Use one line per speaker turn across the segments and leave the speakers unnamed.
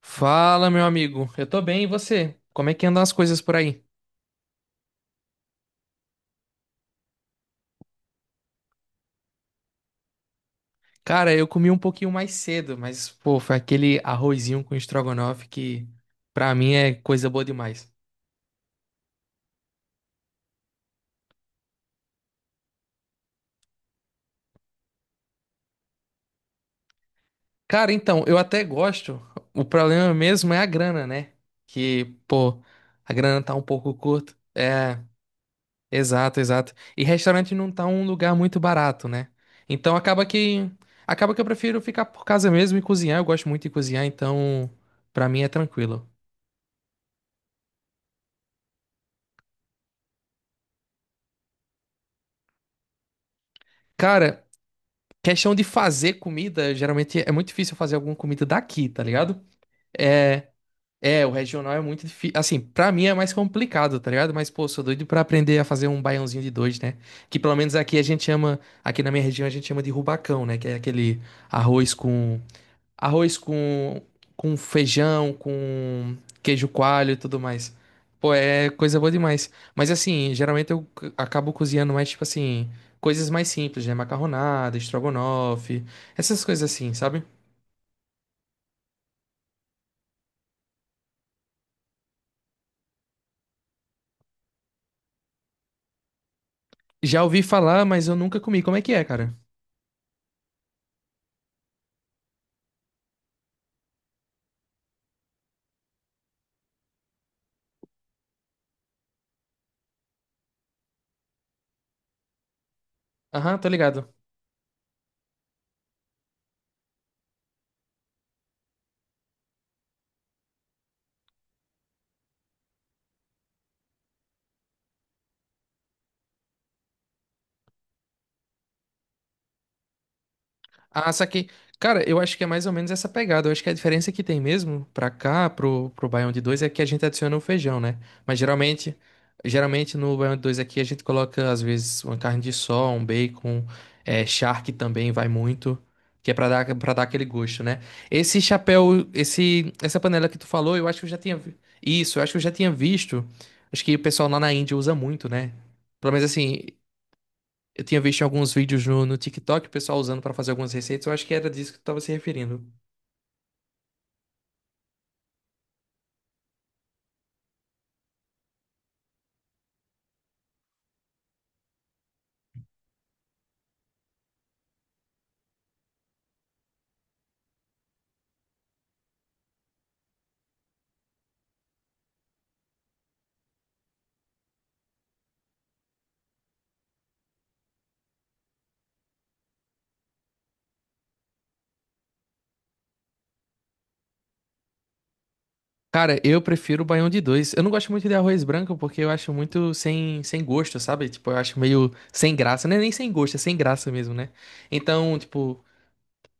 Fala, meu amigo. Eu tô bem, e você? Como é que andam as coisas por aí? Cara, eu comi um pouquinho mais cedo, mas, pô, foi aquele arrozinho com estrogonofe que, pra mim, é coisa boa demais. Cara, então, eu até gosto. O problema mesmo é a grana, né? Que, pô, a grana tá um pouco curta. É, exato, exato. E restaurante não tá um lugar muito barato, né? Então acaba que eu prefiro ficar por casa mesmo e cozinhar. Eu gosto muito de cozinhar, então pra mim é tranquilo. Cara, questão de fazer comida, geralmente é muito difícil eu fazer alguma comida daqui, tá ligado? É, é, o regional é muito difícil. Assim, pra mim é mais complicado, tá ligado? Mas, pô, sou doido pra aprender a fazer um baiãozinho de dois, né? Que pelo menos aqui a gente chama, aqui na minha região a gente chama de rubacão, né? Que é aquele arroz com arroz com feijão, com queijo coalho e tudo mais. Pô, é coisa boa demais. Mas assim, geralmente acabo cozinhando mais, tipo assim, coisas mais simples, né? Macarronada, estrogonofe, essas coisas assim, sabe? Já ouvi falar, mas eu nunca comi. Como é que é, cara? Aham, tô ligado. Ah, saquei. Cara, eu acho que é mais ou menos essa pegada. Eu acho que a diferença que tem mesmo pra cá, pro Baião de dois é que a gente adiciona o feijão, né? Mas geralmente no Baião de dois aqui a gente coloca, às vezes, uma carne de sol, um bacon, é, charque também vai muito, que é pra dar aquele gosto, né? Esse chapéu, essa panela que tu falou, eu acho que eu já tinha Isso, eu acho que eu já tinha visto. Acho que o pessoal lá na Índia usa muito, né? Pelo menos assim. Eu tinha visto alguns vídeos no, TikTok, o pessoal usando pra fazer algumas receitas. Eu acho que era disso que tu tava se referindo. Cara, eu prefiro o baião de dois. Eu não gosto muito de arroz branco porque eu acho muito sem gosto, sabe? Tipo, eu acho meio sem graça. Não é nem sem gosto, é sem graça mesmo, né? Então, tipo,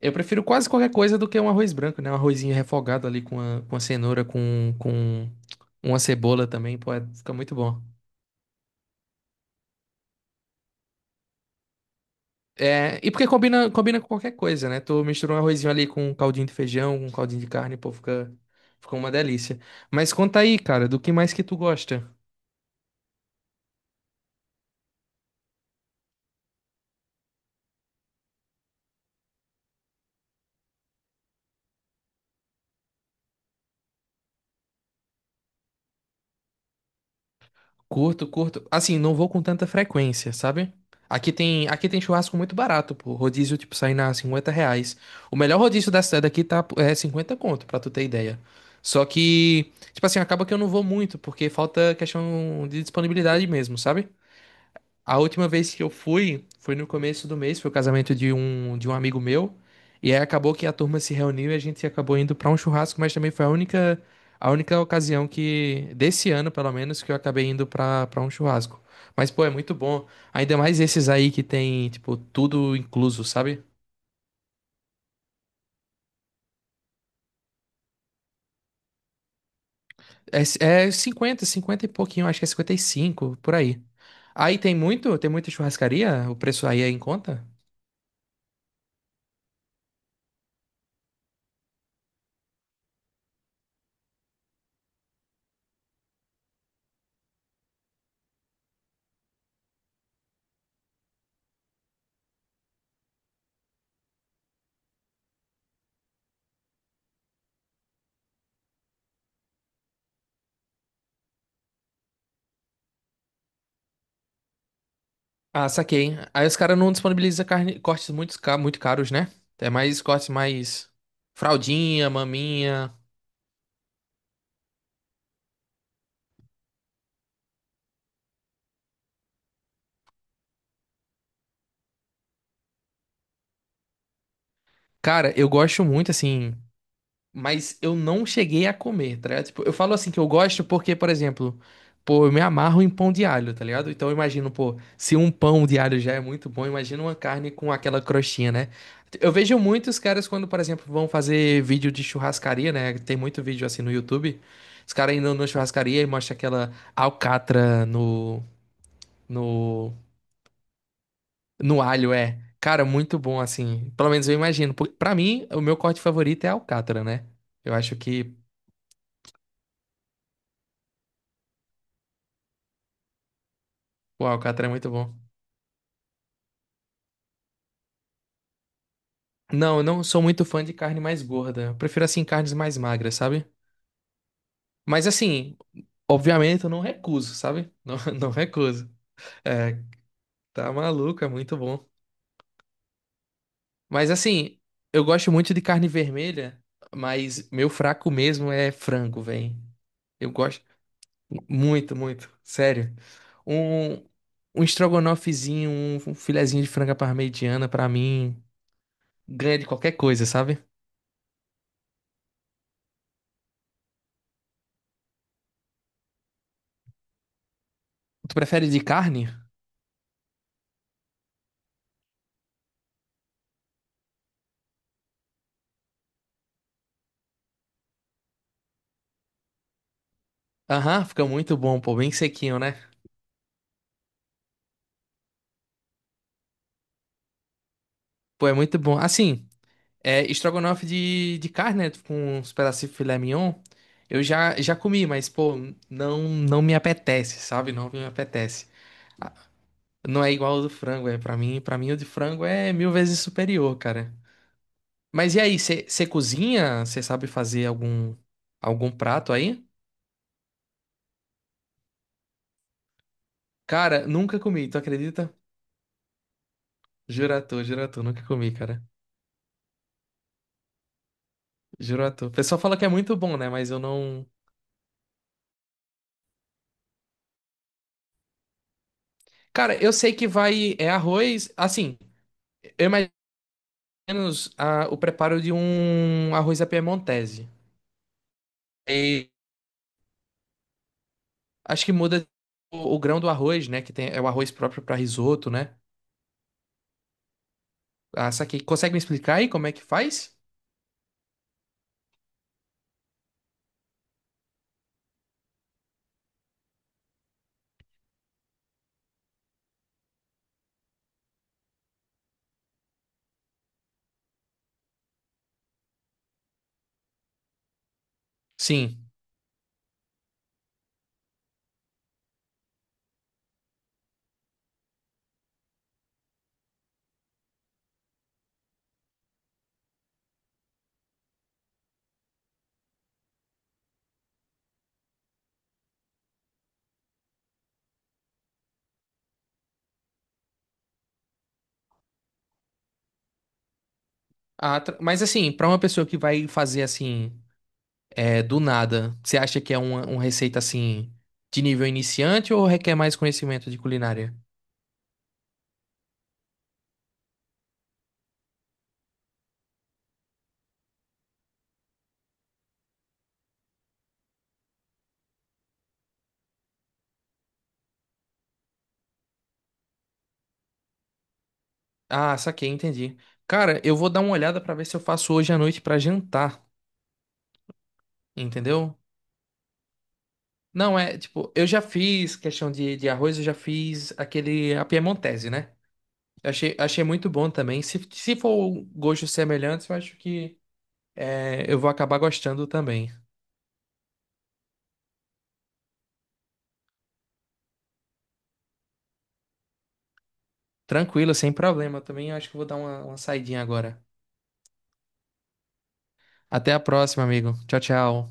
eu prefiro quase qualquer coisa do que um arroz branco, né? Um arrozinho refogado ali com a cenoura, com uma cebola também. Pô, é- fica muito bom. É, e porque combina com qualquer coisa, né? Tu mistura um arrozinho ali com um caldinho de feijão, com um caldinho de carne, pô, fica uma delícia. Mas conta aí, cara, do que mais que tu gosta? Curto, curto. Assim, não vou com tanta frequência, sabe? Aqui tem churrasco muito barato, pô. Rodízio, tipo, sai na 50 reais. O melhor rodízio da cidade aqui tá, é 50 conto, pra tu ter ideia. Só que, tipo assim, acaba que eu não vou muito, porque falta questão de disponibilidade mesmo, sabe? A última vez que eu fui foi no começo do mês, foi o casamento de um, amigo meu. E aí acabou que a turma se reuniu e a gente acabou indo pra um churrasco, mas também foi a única, ocasião que, desse ano pelo menos, que eu acabei indo pra para um churrasco. Mas, pô, é muito bom. Ainda mais esses aí que tem, tipo, tudo incluso, sabe? É, é 50 50 e pouquinho, acho que é 55 por aí. Aí tem muito, tem muita churrascaria, o preço aí é em conta? Ah, saquei. Aí os caras não disponibilizam carne, cortes muito, muito caros, né? É mais cortes mais fraldinha, maminha. Cara, eu gosto muito, assim. Mas eu não cheguei a comer, tá ligado? Tipo, eu falo assim que eu gosto porque, por exemplo, pô, eu me amarro em pão de alho, tá ligado? Então eu imagino, pô, se um pão de alho já é muito bom, imagina uma carne com aquela crostinha, né? Eu vejo muitos caras quando, por exemplo, vão fazer vídeo de churrascaria, né? Tem muito vídeo assim no YouTube. Os caras indo na churrascaria e mostra aquela alcatra no, no, no alho, é. Cara, muito bom assim. Pelo menos eu imagino. Porque, pra mim, o meu corte favorito é a alcatra, né? Eu acho que o alcatra é muito bom. Não, eu não sou muito fã de carne mais gorda. Eu prefiro, assim, carnes mais magras, sabe? Mas, assim, obviamente eu não recuso, sabe? Não, não recuso. É, tá maluco, é muito bom. Mas, assim, eu gosto muito de carne vermelha, mas meu fraco mesmo é frango, velho. Eu gosto muito, muito. Sério. Um, um estrogonofezinho, um filezinho de franga parmegiana, pra mim, ganha de qualquer coisa, sabe? Tu prefere de carne? Aham, fica muito bom, pô, bem sequinho, né? Pô, é muito bom. Assim, é estrogonofe de carne, né? Com uns pedacinhos de filé mignon. Eu já, já comi, mas, pô, não, não me apetece, sabe? Não me apetece. Ah, não é igual ao do frango, é. Pra mim, o de frango é mil vezes superior, cara. Mas e aí, você cozinha? Você sabe fazer algum, algum prato aí? Cara, nunca comi, tu acredita? Jura tu, nunca comi, cara. Juro tu. O pessoal fala que é muito bom, né? Mas eu não. Cara, eu sei que vai. É arroz. Assim, eu imagino ah, o preparo de um arroz à piemontese. E acho que muda o grão do arroz, né? Que tem, é o arroz próprio para risoto, né? Ah, saquei. Consegue me explicar aí como é que faz? Sim. Mas assim, para uma pessoa que vai fazer assim, é, do nada, você acha que é uma, receita assim, de nível iniciante ou requer mais conhecimento de culinária? Ah, saquei, entendi. Cara, eu vou dar uma olhada para ver se eu faço hoje à noite para jantar. Entendeu? Não é, tipo, eu já fiz questão de arroz, eu já fiz aquele a piemontese, né? Eu achei, achei muito bom também. Se for gostos semelhantes, eu acho que é, eu vou acabar gostando também. Tranquilo, sem problema também. Eu acho que eu vou dar uma, saidinha agora. Até a próxima, amigo. Tchau, tchau.